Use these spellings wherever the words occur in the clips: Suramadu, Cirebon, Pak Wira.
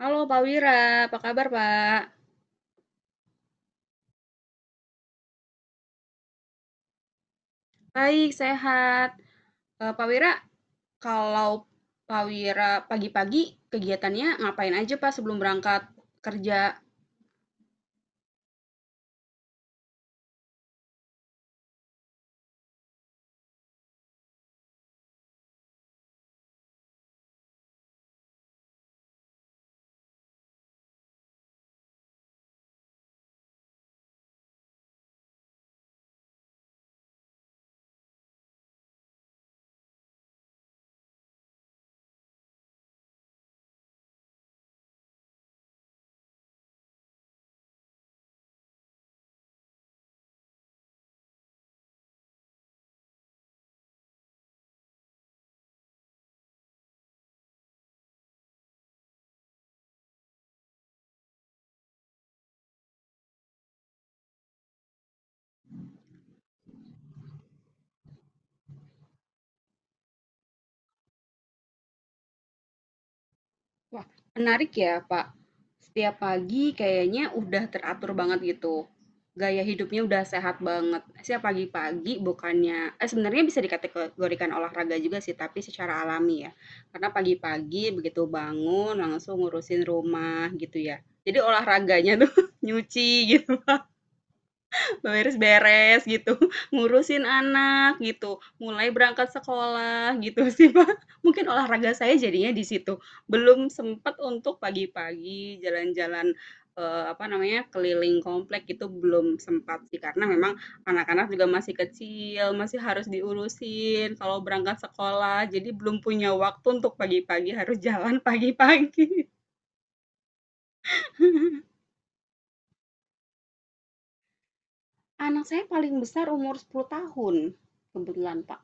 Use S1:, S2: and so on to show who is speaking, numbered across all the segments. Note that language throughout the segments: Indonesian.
S1: Halo Pak Wira, apa kabar Pak? Baik, sehat. Eh, Pak Wira, kalau Pak Wira pagi-pagi kegiatannya ngapain aja Pak sebelum berangkat kerja? Wah, menarik ya, Pak. Setiap pagi kayaknya udah teratur banget gitu. Gaya hidupnya udah sehat banget. Setiap pagi-pagi bukannya, eh sebenarnya bisa dikategorikan olahraga juga sih, tapi secara alami ya. Karena pagi-pagi begitu bangun langsung ngurusin rumah gitu ya. Jadi olahraganya tuh nyuci gitu. Beberes-beres gitu, ngurusin anak gitu, mulai berangkat sekolah gitu sih, Pak. Mungkin olahraga saya jadinya di situ. Belum sempat untuk pagi-pagi jalan-jalan, apa namanya, keliling komplek itu belum sempat sih, karena memang anak-anak juga masih kecil, masih harus diurusin kalau berangkat sekolah, jadi belum punya waktu untuk pagi-pagi harus jalan pagi-pagi. Anak saya paling besar umur 10 tahun kebetulan, Pak.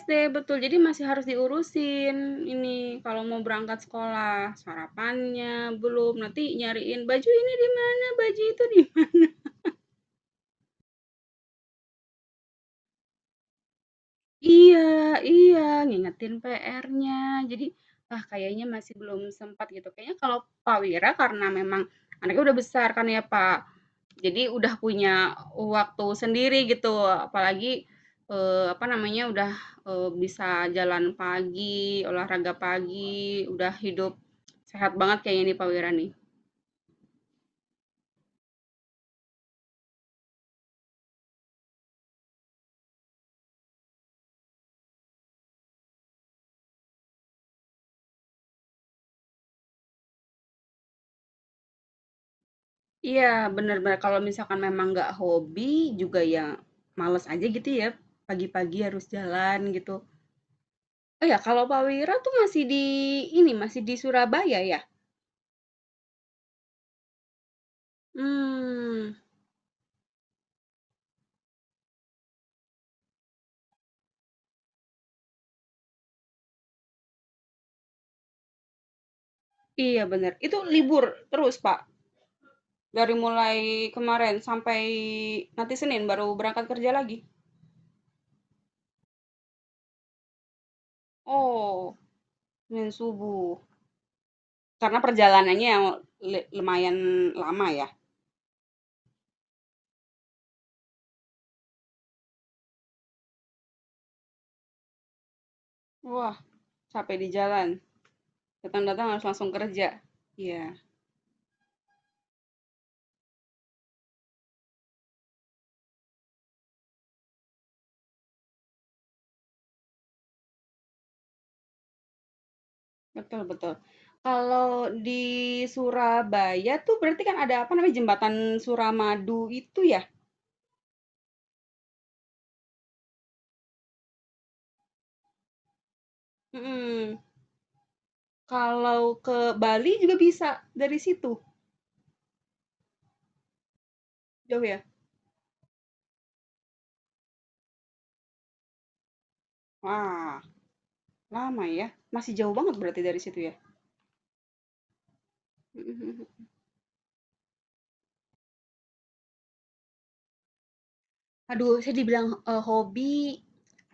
S1: SD, betul. Jadi masih harus diurusin ini kalau mau berangkat sekolah, sarapannya belum, nanti nyariin baju ini di mana, baju itu di mana. Iya, iya, ngingetin PR-nya. Jadi, ah, kayaknya masih belum sempat gitu. Kayaknya kalau Pak Wira karena memang anaknya udah besar kan ya, Pak. Jadi udah punya waktu sendiri gitu, apalagi, apa namanya, udah, bisa jalan pagi, olahraga pagi, udah hidup sehat banget kayaknya nih Pak Wira nih. Iya, bener bener, kalau misalkan memang nggak hobi juga ya males aja gitu ya, pagi-pagi harus jalan gitu. Oh ya, kalau Pak Wira tuh masih di ini, masih di Surabaya ya? Hmm. Iya bener. Itu libur terus, Pak? Dari mulai kemarin sampai nanti Senin baru berangkat kerja lagi. Oh, Senin subuh. Karena perjalanannya lumayan lama ya. Wah, capek di jalan. Datang-datang harus langsung kerja. Iya, betul betul. Kalau di Surabaya tuh berarti kan ada apa namanya jembatan Suramadu itu ya? Mm-mm. Kalau ke Bali juga bisa dari situ. Jauh ya? Wah, lama ya. Masih jauh banget berarti dari situ ya. Mm-mm. Aduh, saya dibilang, hobi,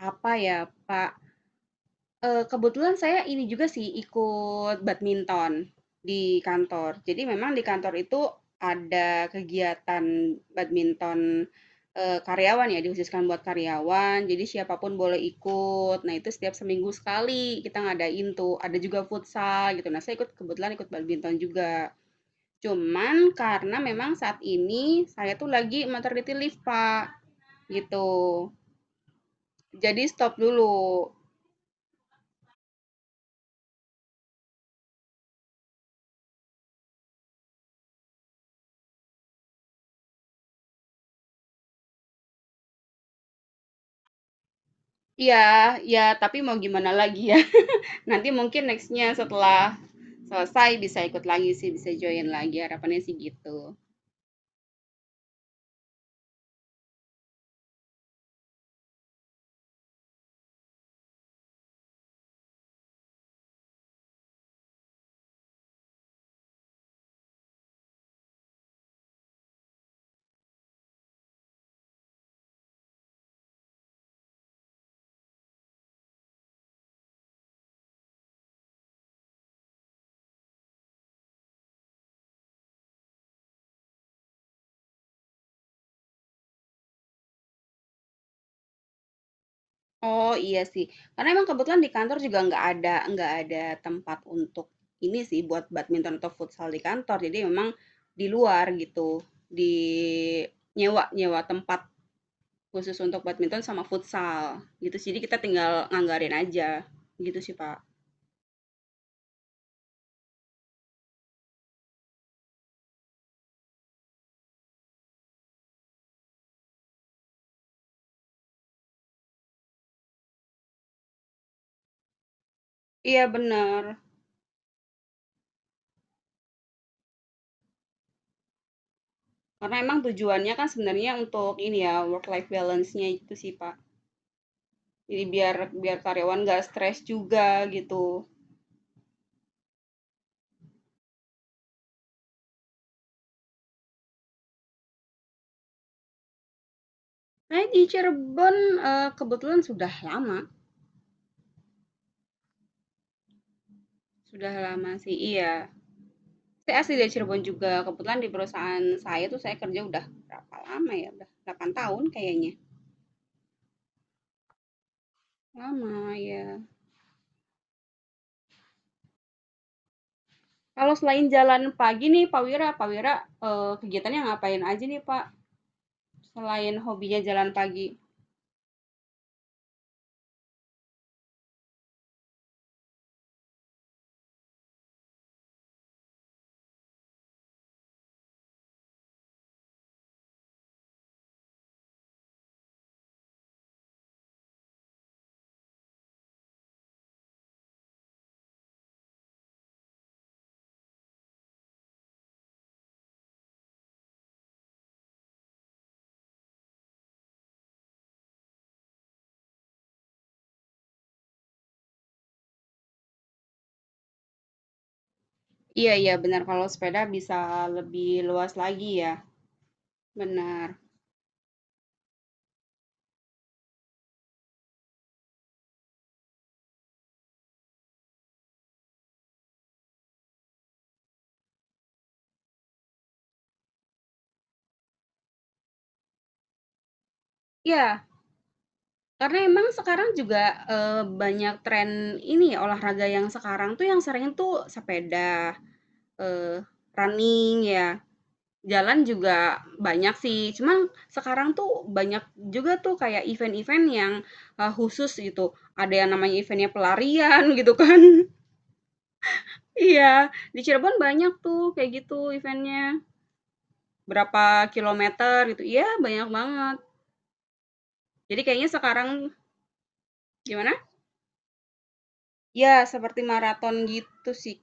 S1: apa ya, Pak, kebetulan saya ini juga sih, ikut badminton di kantor. Jadi memang di kantor itu ada kegiatan badminton, karyawan ya, dihususkan buat karyawan, jadi siapapun boleh ikut. Nah, itu setiap seminggu sekali kita ngadain tuh, ada juga futsal gitu. Nah, saya ikut kebetulan ikut badminton juga. Cuman karena memang saat ini saya tuh lagi maternity leave, Pak, gitu. Jadi stop dulu. Iya, iya, tapi mau gimana lagi ya. Nanti mungkin nextnya setelah selesai bisa ikut lagi sih, bisa join lagi. Harapannya sih gitu. Oh iya sih, karena emang kebetulan di kantor juga nggak ada tempat untuk ini sih buat badminton atau futsal di kantor. Jadi memang di luar gitu, di nyewa nyewa tempat khusus untuk badminton sama futsal gitu. Jadi kita tinggal nganggarin aja gitu sih Pak. Iya bener. Karena emang tujuannya kan sebenarnya untuk ini ya, work life balance-nya itu sih, Pak. Jadi biar biar karyawan nggak stres juga gitu. Saya di Cirebon eh, kebetulan sudah lama sih, iya. Saya asli dari Cirebon juga. Kebetulan di perusahaan saya tuh saya kerja udah berapa lama ya? Udah 8 tahun kayaknya. Lama ya. Kalau selain jalan pagi nih, Pak Wira eh, kegiatannya ngapain aja nih, Pak? Selain hobinya jalan pagi. Iya iya benar kalau sepeda bisa lebih luas lagi ya, benar. Iya, karena emang sekarang juga, banyak tren ini ya olahraga yang sekarang tuh yang sering tuh sepeda, eee, running ya, jalan juga banyak sih, cuman sekarang tuh banyak juga tuh kayak event-event yang, khusus gitu, ada yang namanya eventnya pelarian gitu kan. Iya, di Cirebon banyak tuh kayak gitu eventnya berapa kilometer gitu, iya banyak banget. Jadi kayaknya sekarang gimana? Ya seperti maraton gitu sih.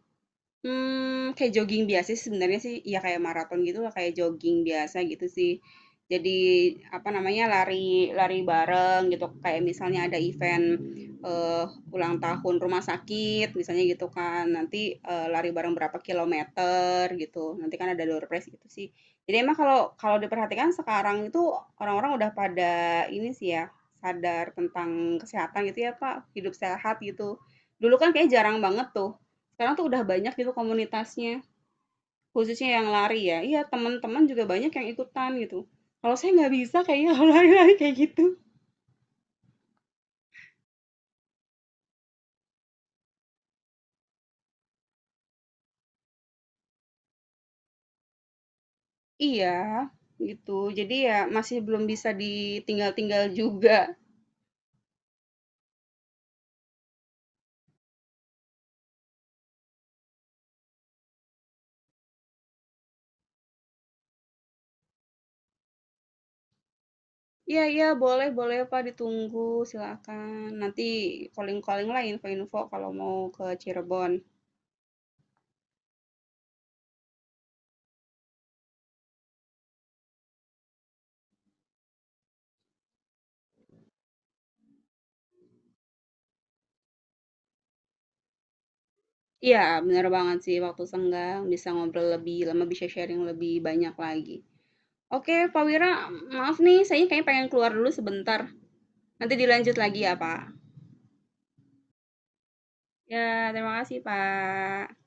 S1: Kayak jogging biasa sih sebenarnya sih, ya kayak maraton gitu lah, kayak jogging biasa gitu sih. Jadi, apa namanya, lari lari bareng gitu, kayak misalnya ada event, eee, ulang tahun rumah sakit misalnya gitu kan, nanti, lari bareng berapa kilometer gitu, nanti kan ada door prize gitu sih. Jadi emang kalau kalau diperhatikan sekarang itu orang-orang udah pada ini sih ya, sadar tentang kesehatan gitu ya, Pak. Hidup sehat gitu. Dulu kan kayak jarang banget tuh. Sekarang tuh udah banyak gitu komunitasnya, khususnya yang lari ya. Iya, teman-teman juga banyak yang ikutan gitu. Kalau saya nggak bisa kayaknya kalau lari-lari kayak gitu. Iya, gitu. Jadi ya masih belum bisa ditinggal-tinggal juga. Iya, iya, boleh, boleh Pak, ditunggu, silakan. Nanti calling-calling lah info-info kalau mau ke Cirebon. Iya, bener banget sih, waktu senggang bisa ngobrol lebih lama, bisa sharing lebih banyak lagi. Oke, Pak Wira, maaf nih, saya kayaknya pengen keluar dulu sebentar. Nanti dilanjut lagi ya, Pak. Ya, terima kasih, Pak.